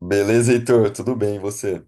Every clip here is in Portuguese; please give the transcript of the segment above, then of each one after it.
Beleza, Heitor? Tudo bem, e você?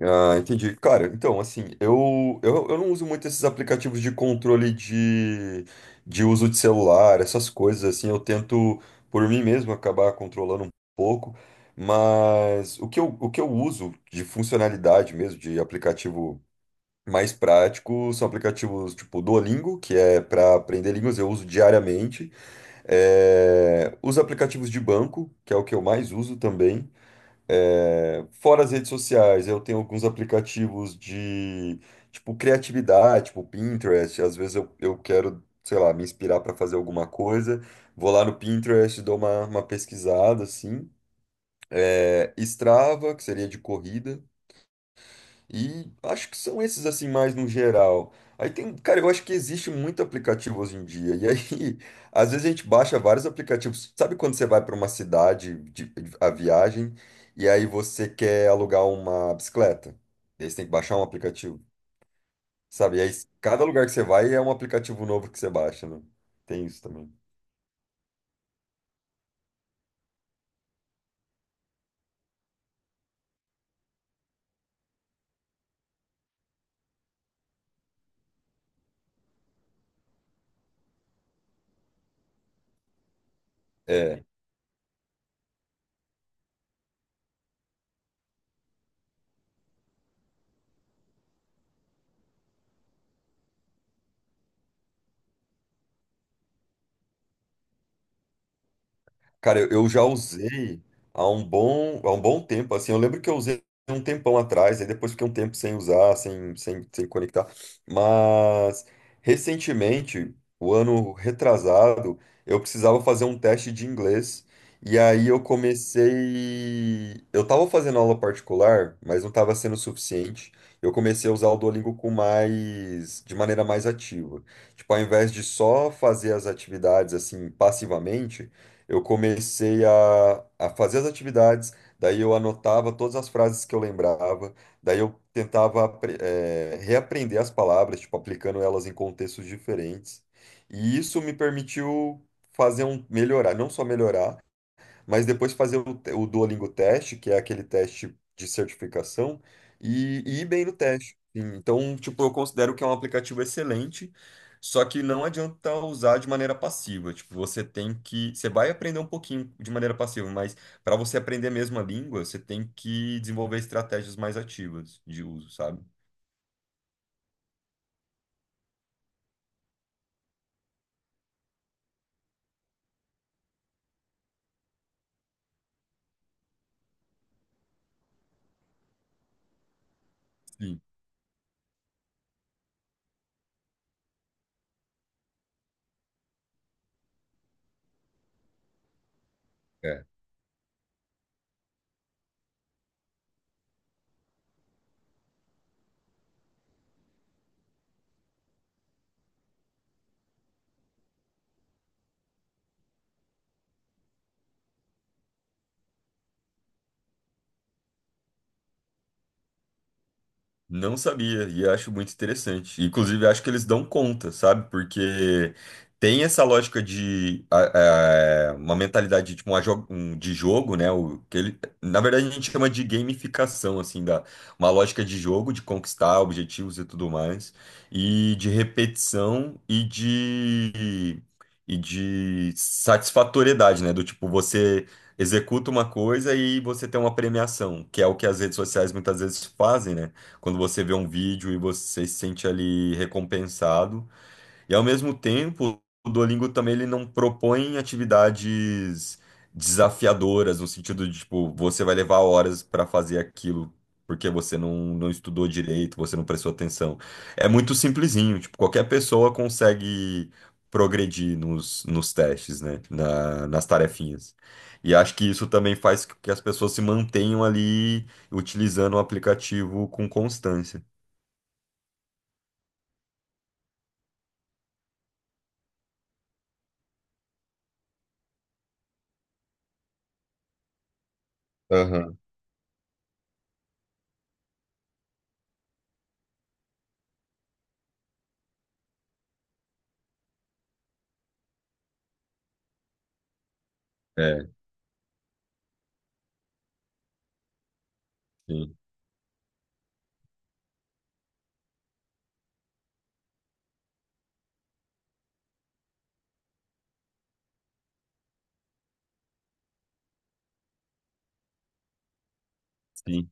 Ah, entendi. Cara, então, assim, eu não uso muito esses aplicativos de controle de uso de celular, essas coisas, assim, eu tento, por mim mesmo, acabar controlando um pouco, mas o que eu uso de funcionalidade mesmo, de aplicativo mais prático, são aplicativos tipo Duolingo, que é para aprender línguas, eu uso diariamente, os aplicativos de banco, que é o que eu mais uso também. É, fora as redes sociais, eu tenho alguns aplicativos de, tipo, criatividade, tipo Pinterest. Às vezes eu quero, sei lá, me inspirar para fazer alguma coisa. Vou lá no Pinterest, dou uma pesquisada, assim. É, Strava, que seria de corrida. E acho que são esses assim mais no geral. Aí tem, cara, eu acho que existe muito aplicativo hoje em dia. E aí, às vezes a gente baixa vários aplicativos. Sabe quando você vai para uma a viagem e aí você quer alugar uma bicicleta? E aí você tem que baixar um aplicativo. Sabe? E aí cada lugar que você vai é um aplicativo novo que você baixa, né? Tem isso também. É. Cara, eu já usei há um bom tempo, assim, eu lembro que eu usei um tempão atrás, aí depois fiquei um tempo sem usar, sem conectar, mas recentemente, o ano retrasado, eu precisava fazer um teste de inglês, e aí eu comecei, eu tava fazendo aula particular, mas não tava sendo suficiente, eu comecei a usar o Duolingo com mais, de maneira mais ativa, tipo, ao invés de só fazer as atividades, assim, passivamente, eu comecei a fazer as atividades, daí eu anotava todas as frases que eu lembrava, daí eu tentava reaprender as palavras, tipo, aplicando elas em contextos diferentes. E isso me permitiu não só melhorar, mas depois fazer o Duolingo teste, que é aquele teste de certificação, e, ir bem no teste. Sim. Então, tipo, eu considero que é um aplicativo excelente, só que não adianta usar de maneira passiva. Tipo, você vai aprender um pouquinho de maneira passiva, mas para você aprender mesmo a língua, você tem que desenvolver estratégias mais ativas de uso, sabe? Sim. Não sabia, e acho muito interessante. Inclusive, acho que eles dão conta, sabe? Porque tem essa lógica de uma mentalidade tipo, de jogo, né? Que ele, na verdade, a gente chama de gamificação, assim, da, uma lógica de jogo, de conquistar objetivos e tudo mais, e de repetição e de satisfatoriedade, né? Do tipo, você executa uma coisa e você tem uma premiação, que é o que as redes sociais muitas vezes fazem, né? Quando você vê um vídeo e você se sente ali recompensado. E ao mesmo tempo, o Duolingo também ele não propõe atividades desafiadoras, no sentido de, tipo, você vai levar horas para fazer aquilo porque você não, não estudou direito, você não prestou atenção. É muito simplesinho, tipo, qualquer pessoa consegue progredir nos testes, né? Nas tarefinhas. E acho que isso também faz com que as pessoas se mantenham ali utilizando o aplicativo com constância. Aham. É, sim. Sim.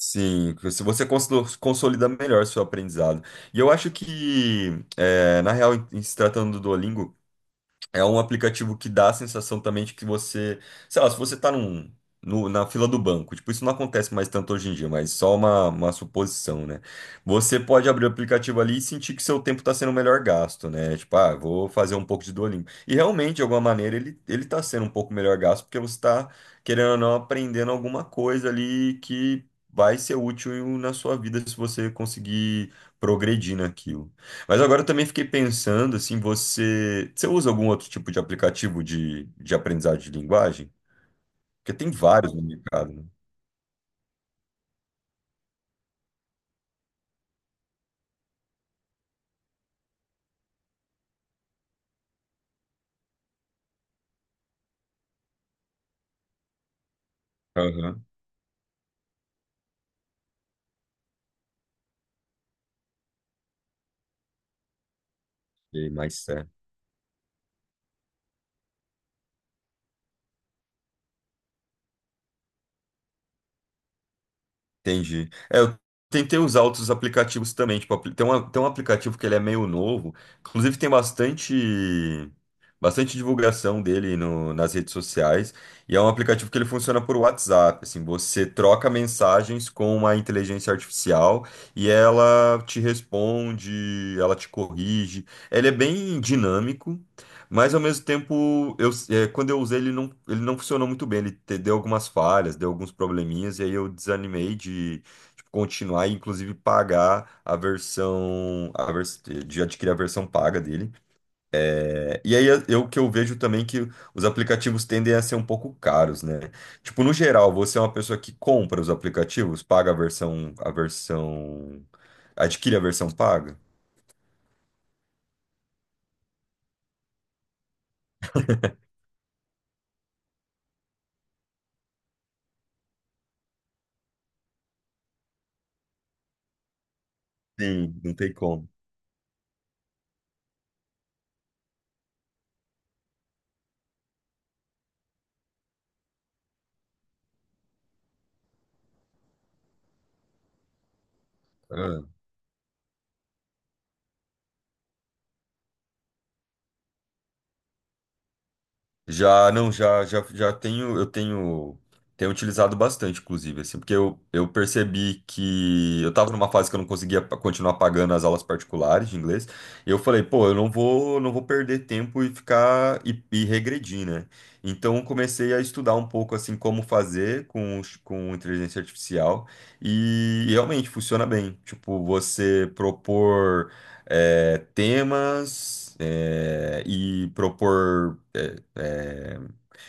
Sim, se você consolida melhor seu aprendizado. E eu acho que, é, na real, em se tratando do Duolingo, é um aplicativo que dá a sensação também de que você, sei lá, se você tá num, no- na fila do banco, tipo, isso não acontece mais tanto hoje em dia, mas só uma suposição, né? Você pode abrir o aplicativo ali e sentir que seu tempo tá sendo melhor gasto, né? Tipo, ah, vou fazer um pouco de Duolingo. E realmente, de alguma maneira, ele tá sendo um pouco melhor gasto, porque você tá, querendo ou não, aprendendo alguma coisa ali que vai ser útil na sua vida se você conseguir progredir naquilo. Mas agora eu também fiquei pensando, assim, você usa algum outro tipo de aplicativo de aprendizagem de linguagem? Porque tem vários no mercado, né? Aham. E mais Entendi. É, eu tentei usar outros aplicativos também. Tipo, tem um aplicativo que ele é meio novo. Inclusive tem bastante divulgação dele nas redes sociais. E é um aplicativo que ele funciona por WhatsApp. Assim, você troca mensagens com uma inteligência artificial e ela te responde, ela te corrige. Ele é bem dinâmico. Mas ao mesmo tempo, eu, é, quando eu usei ele não funcionou muito bem. Deu algumas falhas, deu alguns probleminhas, e aí eu desanimei de tipo, continuar e inclusive pagar a versão, a vers de adquirir a versão paga dele. É, e aí eu que eu vejo também é que os aplicativos tendem a ser um pouco caros, né? Tipo, no geral, você é uma pessoa que compra os aplicativos, paga adquire a versão paga? Sim, não tem como. Ah. Já, não, já tenho, tenho utilizado bastante, inclusive, assim, porque eu percebi que eu tava numa fase que eu não conseguia continuar pagando as aulas particulares de inglês, e eu falei, pô, eu não vou, não vou perder tempo e ficar, e regredir, né? Então, eu comecei a estudar um pouco, assim, como fazer com, com inteligência artificial, e realmente funciona bem, tipo, você propor, temas,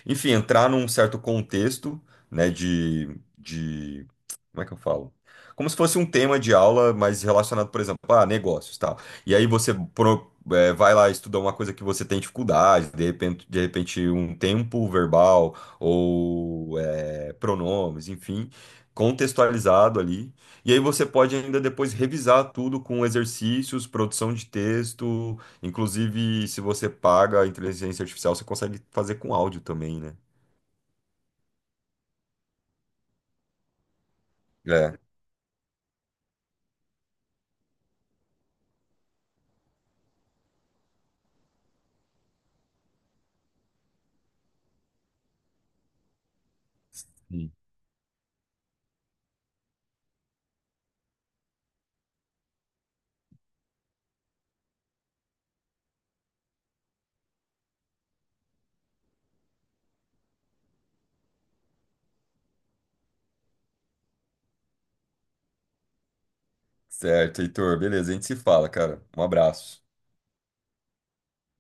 enfim, entrar num certo contexto, né, de, como é que eu falo? Como se fosse um tema de aula, mas relacionado, por exemplo, a negócios, tal. E aí você vai lá estudar uma coisa que você tem dificuldade, de repente um tempo verbal ou pronomes, enfim, contextualizado ali. E aí você pode ainda depois revisar tudo com exercícios, produção de texto. Inclusive, se você paga a inteligência artificial, você consegue fazer com áudio também, né? É. Sim. Certo, Heitor. Beleza, a gente se fala, cara. Um abraço.